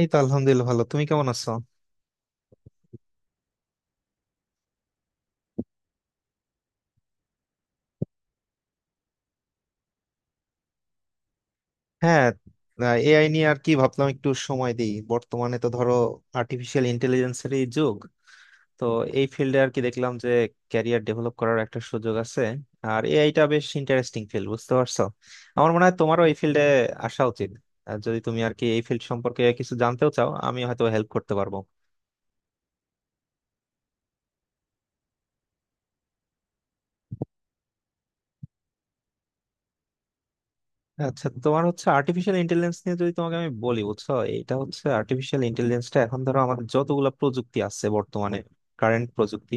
এই তো আলহামদুলিল্লাহ ভালো। তুমি কেমন আছো? হ্যাঁ, এআই নিয়ে আর কি ভাবলাম একটু সময় দিই। বর্তমানে তো ধরো আর্টিফিশিয়াল ইন্টেলিজেন্সেরই যুগ। তো এই ফিল্ডে আর কি দেখলাম যে ক্যারিয়ার ডেভেলপ করার একটা সুযোগ আছে। আর এআইটা বেশ ইন্টারেস্টিং ফিল্ড, বুঝতে পারছো? আমার মনে হয় তোমারও এই ফিল্ডে আসা উচিত। আর যদি তুমি আর কি এই ফিল্ড সম্পর্কে কিছু জানতেও চাও, আমি হয়তো হেল্প করতে পারবো। আচ্ছা, তোমার হচ্ছে আর্টিফিশিয়াল ইন্টেলিজেন্স নিয়ে যদি তোমাকে আমি বলি, বুঝছো, এটা হচ্ছে আর্টিফিশিয়াল ইন্টেলিজেন্সটা এখন ধরো আমাদের যতগুলা প্রযুক্তি আছে বর্তমানে, কারেন্ট প্রযুক্তি,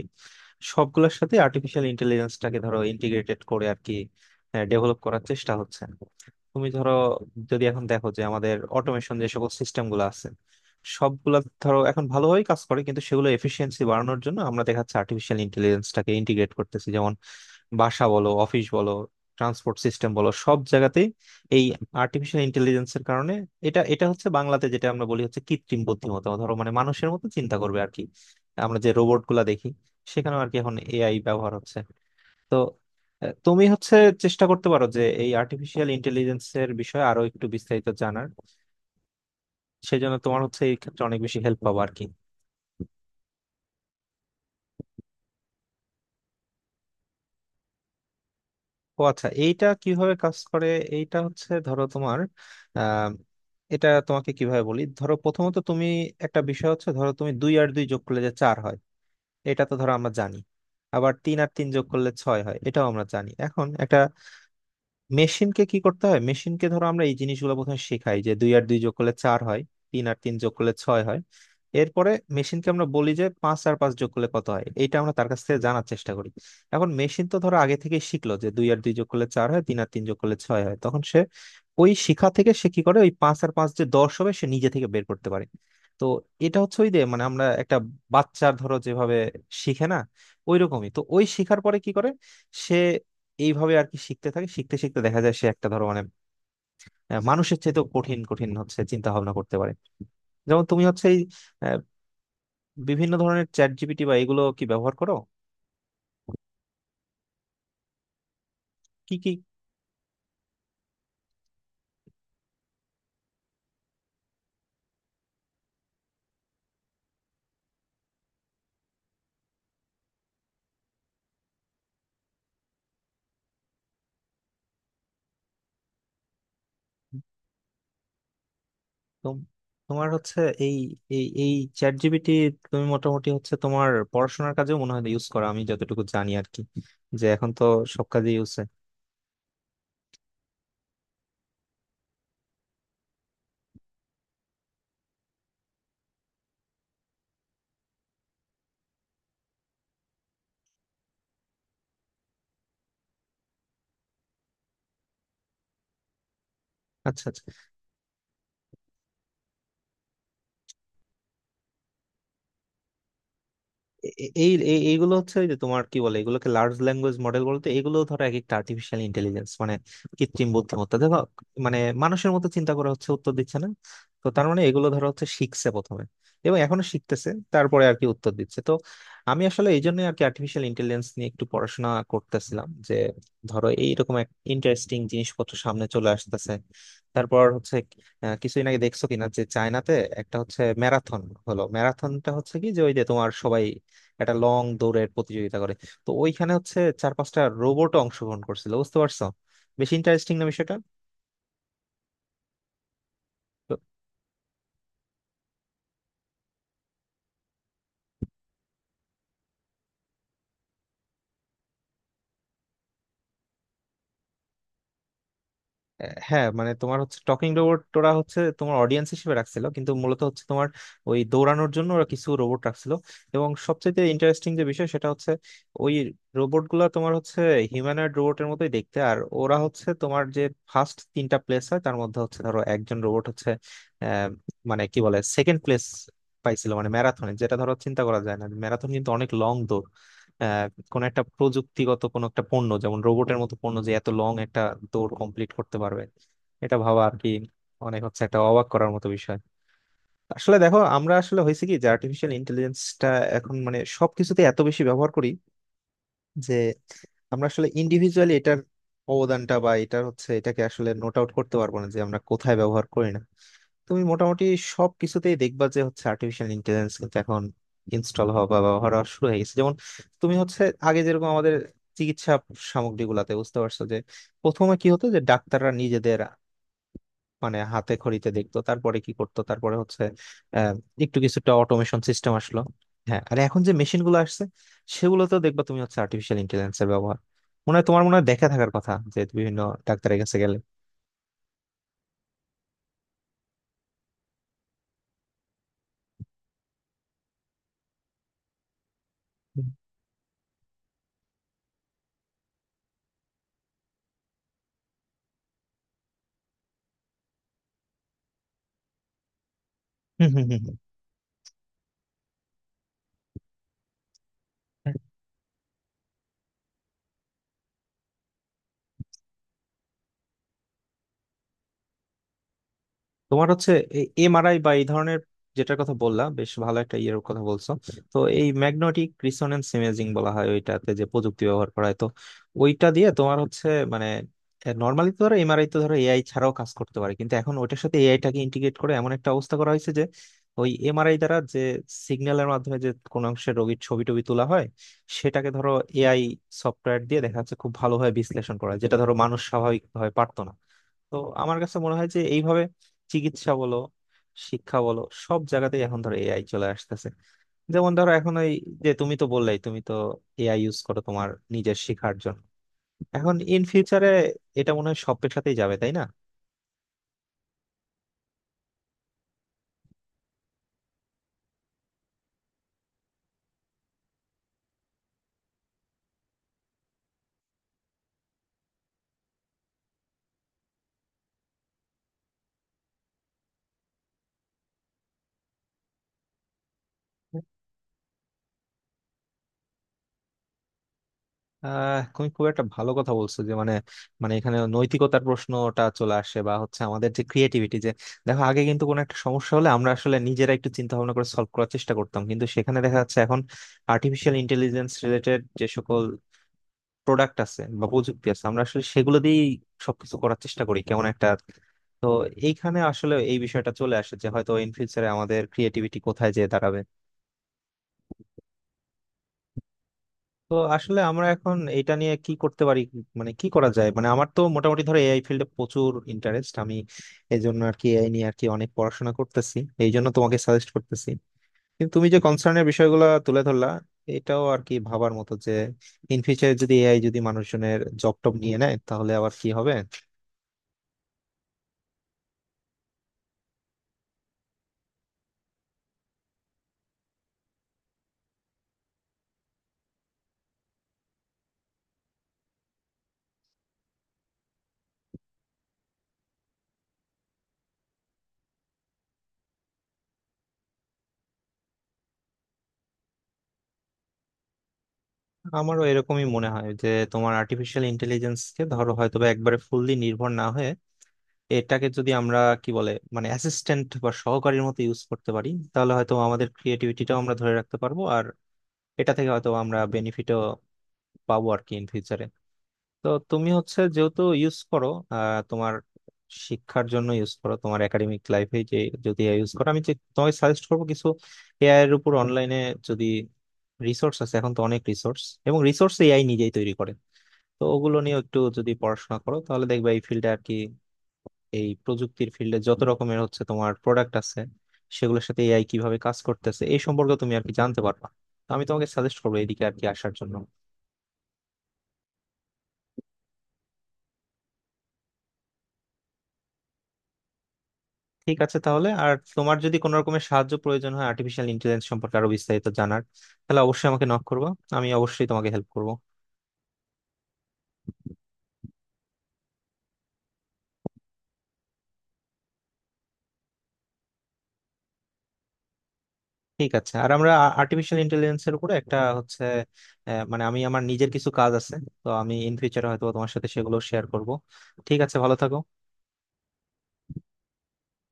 সবগুলোর সাথে আর্টিফিশিয়াল ইন্টেলিজেন্সটাকে ধরো ইন্টিগ্রেটেড করে আর কি ডেভেলপ করার চেষ্টা হচ্ছে। তুমি ধরো, যদি এখন দেখো যে আমাদের অটোমেশন যে সকল সিস্টেম গুলো আছে সবগুলা ধরো এখন ভালোভাবেই কাজ করে, কিন্তু সেগুলো এফিসিয়েন্সি বাড়ানোর জন্য আমরা দেখা যাচ্ছে আর্টিফিশিয়াল ইন্টেলিজেন্সটাকে ইন্টিগ্রেট করতেছি। যেমন বাসা বলো, অফিস বলো, ট্রান্সপোর্ট সিস্টেম বলো, সব জায়গাতেই এই আর্টিফিশিয়াল ইন্টেলিজেন্সের কারণে। এটা এটা হচ্ছে বাংলাতে যেটা আমরা বলি হচ্ছে কৃত্রিম বুদ্ধিমত্তা, ধরো মানে মানুষের মতো চিন্তা করবে আর কি। আমরা যে রোবট গুলা দেখি, সেখানেও আর কি এখন এআই ব্যবহার হচ্ছে। তো তুমি হচ্ছে চেষ্টা করতে পারো যে এই আর্টিফিশিয়াল ইন্টেলিজেন্সের বিষয়ে আরো একটু বিস্তারিত জানার। সেজন্য তোমার হচ্ছে এই ক্ষেত্রে অনেক বেশি হেল্প পাবো আর কি। ও আচ্ছা, এইটা কিভাবে কাজ করে? এইটা হচ্ছে ধরো তোমার আহ এটা তোমাকে কিভাবে বলি, ধরো প্রথমত তুমি একটা বিষয় হচ্ছে ধরো তুমি দুই আর দুই যোগ করলে যে চার হয়, এটা তো ধরো আমরা জানি। আবার তিন আর তিন যোগ করলে ছয় হয়, এটাও আমরা জানি। এখন একটা মেশিনকে কি করতে হয়, মেশিনকে ধরো আমরা এই জিনিসগুলো প্রথমে শেখাই যে দুই আর দুই যোগ করলে চার হয়, তিন আর তিন যোগ করলে ছয় হয়। এরপরে মেশিনকে আমরা বলি যে পাঁচ আর পাঁচ যোগ করলে কত হয়, এইটা আমরা তার কাছ থেকে জানার চেষ্টা করি। এখন মেশিন তো ধরো আগে থেকে শিখলো যে দুই আর দুই যোগ করলে চার হয়, তিন আর তিন যোগ করলে ছয় হয়, তখন সে ওই শিখা থেকে সে কি করে, ওই পাঁচ আর পাঁচ যে দশ হবে সে নিজে থেকে বের করতে পারে। তো এটা হচ্ছে ওই যে মানে আমরা একটা বাচ্চার ধরো যেভাবে শিখে না, ওই রকমই তো ওই শিখার পরে কি করে সে এইভাবে আর কি শিখতে থাকে। শিখতে শিখতে দেখা যায় সে একটা ধরো মানে মানুষের চাইতেও কঠিন কঠিন হচ্ছে চিন্তা ভাবনা করতে পারে। যেমন তুমি হচ্ছে এই আহ, বিভিন্ন ধরনের চ্যাট জিপিটি বা এগুলো কি ব্যবহার করো? কি কি? তোম- তোমার হচ্ছে এই এই এই চ্যাট জিপিটি তুমি মোটামুটি হচ্ছে তোমার পড়াশোনার কাজেও মনে হয় ইউজ করো, আমি যতটুকু জানি আর কি, যে এখন তো সব কাজে ইউজ হয়। আচ্ছা আচ্ছা। এ- এ- এই এই- এইগুলো হচ্ছে ওই যে তোমার কি বলে এগুলোকে লার্জ ল্যাঙ্গুয়েজ মডেল বলতে, এগুলো ধরো এক একটা আর্টিফিশিয়াল ইন্টেলিজেন্স, মানে কৃত্রিম বুদ্ধিমত্তা, দেখো মানে মানুষের মতো চিন্তা করে হচ্ছে উত্তর দিচ্ছে না? তো তার মানে এগুলো ধরো হচ্ছে শিখছে প্রথমে, এবং এখনো শিখতেছে, তারপরে আর কি উত্তর দিচ্ছে। তো আমি আসলে এই জন্য আর কি আর্টিফিশিয়াল ইন্টেলিজেন্স নিয়ে একটু পড়াশোনা করতেছিলাম, যে ধরো এইরকম এক ইন্টারেস্টিং জিনিসপত্র সামনে চলে আসতেছে। তারপর হচ্ছে কিছুদিন আগে দেখছো কিনা যে চায়নাতে একটা হচ্ছে ম্যারাথন হলো, ম্যারাথনটা হচ্ছে কি যে ওই যে তোমার সবাই একটা লং দৌড়ের প্রতিযোগিতা করে, তো ওইখানে হচ্ছে চার পাঁচটা রোবটও অংশগ্রহণ করছিল, বুঝতে পারছো? বেশ ইন্টারেস্টিং না বিষয়টা? হ্যাঁ, মানে তোমার হচ্ছে টকিং রোবট ওরা হচ্ছে তোমার অডিয়েন্স হিসেবে রাখছিল, কিন্তু মূলত হচ্ছে তোমার ওই দৌড়ানোর জন্য ওরা কিছু রোবট রাখছিল। এবং সবচেয়ে ইন্টারেস্টিং যে বিষয় সেটা হচ্ছে ওই রোবট গুলা তোমার হচ্ছে হিউম্যানয়েড রোবটের মতোই দেখতে। আর ওরা হচ্ছে তোমার যে ফার্স্ট তিনটা প্লেস হয় তার মধ্যে হচ্ছে ধরো একজন রোবট হচ্ছে আহ, মানে কি বলে সেকেন্ড প্লেস পাইছিল, মানে ম্যারাথনে, যেটা ধরো চিন্তা করা যায় না। ম্যারাথন কিন্তু অনেক লং দৌড়, কোন একটা প্রযুক্তিগত কোন একটা পণ্য যেমন রোবটের মতো পণ্য যে এত লং একটা দৌড় কমপ্লিট করতে পারবে, এটা ভাবা আর কি অনেক হচ্ছে একটা অবাক করার মতো বিষয়। আসলে দেখো, আমরা আসলে হয়েছে কি যে আর্টিফিশিয়াল ইন্টেলিজেন্সটা এখন মানে সবকিছুতে এত বেশি ব্যবহার করি যে আমরা আসলে ইন্ডিভিজুয়ালি এটার অবদানটা বা এটার হচ্ছে এটাকে আসলে নোট আউট করতে পারবো না যে আমরা কোথায় ব্যবহার করি না। তুমি মোটামুটি সব কিছুতেই দেখবা যে হচ্ছে আর্টিফিশিয়াল ইন্টেলিজেন্স কিন্তু এখন ইনস্টল হওয়া বা ব্যবহার হওয়া শুরু হয়ে গেছে। যেমন তুমি হচ্ছে আগে যেরকম আমাদের চিকিৎসা সামগ্রীগুলাতে, বুঝতে পারছো যে প্রথমে কি হতো যে ডাক্তাররা নিজেদের মানে হাতে খড়িতে দেখতো, তারপরে কি করতো, তারপরে হচ্ছে আহ, একটু কিছুটা অটোমেশন সিস্টেম আসলো। হ্যাঁ, আর এখন যে মেশিন গুলো আসছে সেগুলোতেও দেখবা তুমি হচ্ছে আর্টিফিশিয়াল ইন্টেলিজেন্স এর ব্যবহার। মনে হয় তোমার মনে হয় দেখা থাকার কথা যে বিভিন্ন ডাক্তারের কাছে গেলে। হুম, হুম, হুম, হুম। তোমার হচ্ছে এমআরআই বা এই ধরনের, যেটার কথা বললা, বেশ ভালো একটা ইয়ের কথা বলছো। তো এই ম্যাগনেটিক রিসোনেন্স ইমেজিং বলা হয় ওইটাতে যে প্রযুক্তি ব্যবহার করা হয়, তো ওইটা দিয়ে তোমার হচ্ছে মানে নর্মালি তো ধরো এমআরআই তো ধরো এআই ছাড়াও কাজ করতে পারে, কিন্তু এখন ওইটার সাথে এআইটাকে ইন্টিগ্রেট করে এমন একটা অবস্থা করা হয়েছে যে ওই এমআরআই দ্বারা যে সিগন্যালের মাধ্যমে যে কোনো অংশের রোগীর ছবি টবি তোলা হয়, সেটাকে ধরো এআই সফটওয়্যার দিয়ে দেখা যাচ্ছে খুব ভালোভাবে বিশ্লেষণ করা হয়, যেটা ধরো মানুষ স্বাভাবিকভাবে পারতো না। তো আমার কাছে মনে হয় যে এইভাবে চিকিৎসা বলো, শিক্ষা বলো, সব জায়গাতেই এখন ধরো এআই চলে আসতেছে। যেমন ধরো এখন ওই যে তুমি তো বললেই, তুমি তো এআই ইউজ করো তোমার নিজের শেখার জন্য। এখন ইন ফিউচারে এটা মনে হয় সব পেশাতেই যাবে, তাই না? তুমি খুব একটা ভালো কথা বলছো যে মানে, মানে এখানে নৈতিকতার প্রশ্নটা চলে আসে, বা হচ্ছে আমাদের যে ক্রিয়েটিভিটি যে, দেখো আগে কিন্তু কোনো একটা সমস্যা হলে আমরা আসলে নিজেরা একটু চিন্তা ভাবনা করে সলভ করার চেষ্টা করতাম, কিন্তু সেখানে দেখা যাচ্ছে এখন আর্টিফিশিয়াল ইন্টেলিজেন্স রিলেটেড যে সকল প্রোডাক্ট আছে বা প্রযুক্তি আছে আমরা আসলে সেগুলো দিয়েই সবকিছু করার চেষ্টা করি, কেমন একটা। তো এইখানে আসলে এই বিষয়টা চলে আসে যে হয়তো ইন ফিউচারে আমাদের ক্রিয়েটিভিটি কোথায় যেয়ে দাঁড়াবে। তো আসলে আমরা এখন এটা নিয়ে কি করতে পারি, মানে কি করা যায়? মানে আমার তো মোটামুটি ধরো এআই ফিল্ডে প্রচুর ইন্টারেস্ট আমি, এই জন্য আর কি এআই নিয়ে আর কি অনেক পড়াশোনা করতেছি, এই জন্য তোমাকে সাজেস্ট করতেছি। কিন্তু তুমি যে কনসার্নের বিষয়গুলো তুলে ধরলা, এটাও আর কি ভাবার মতো যে ইন ফিউচারে যদি এআই যদি মানুষজনের জব টব নিয়ে নেয় তাহলে আবার কি হবে। আমারও এরকমই মনে হয় যে তোমার আর্টিফিশিয়াল ইন্টেলিজেন্স কে ধরো হয়তো বা একবারে ফুললি নির্ভর না হয়ে এটাকে যদি আমরা কি বলে মানে অ্যাসিস্ট্যান্ট বা সহকারীর মতো ইউজ করতে পারি, তাহলে হয়তো আমাদের ক্রিয়েটিভিটিটা আমরা ধরে রাখতে পারবো, আর এটা থেকে হয়তো আমরা বেনিফিটও পাবো আর কি ইন ফিউচারে। তো তুমি হচ্ছে যেহেতু ইউজ করো, আহ তোমার শিক্ষার জন্য ইউজ করো তোমার একাডেমিক লাইফে, যে যদি এআই ইউজ করো, আমি যে তোমার সাজেস্ট করবো কিছু এআই এর উপর অনলাইনে যদি, রিসোর্স আছে এখন তো অনেক রিসোর্স, এবং রিসোর্স এআই নিজেই তৈরি করে। তো ওগুলো নিয়ে একটু যদি পড়াশোনা করো তাহলে দেখবে এই ফিল্ডে আর কি, এই প্রযুক্তির ফিল্ডে যত রকমের হচ্ছে তোমার প্রোডাক্ট আছে সেগুলোর সাথে এআই কিভাবে কাজ করতেছে এই সম্পর্কে তুমি আর কি জানতে পারবা। তো আমি তোমাকে সাজেস্ট করবো এদিকে আর কি আসার জন্য। ঠিক আছে, তাহলে আর তোমার যদি কোনো রকমের সাহায্য প্রয়োজন হয় আর্টিফিশিয়াল ইন্টেলিজেন্স সম্পর্কে আরো বিস্তারিত জানার, তাহলে অবশ্যই আমাকে নক করবো, আমি অবশ্যই তোমাকে হেল্প করবো। ঠিক আছে, আর আমরা আর্টিফিশিয়াল ইন্টেলিজেন্সের উপরে একটা হচ্ছে মানে আমি আমার নিজের কিছু কাজ আছে, তো আমি ইন ফিউচারে হয়তো তোমার সাথে সেগুলো শেয়ার করব। ঠিক আছে, ভালো থাকো।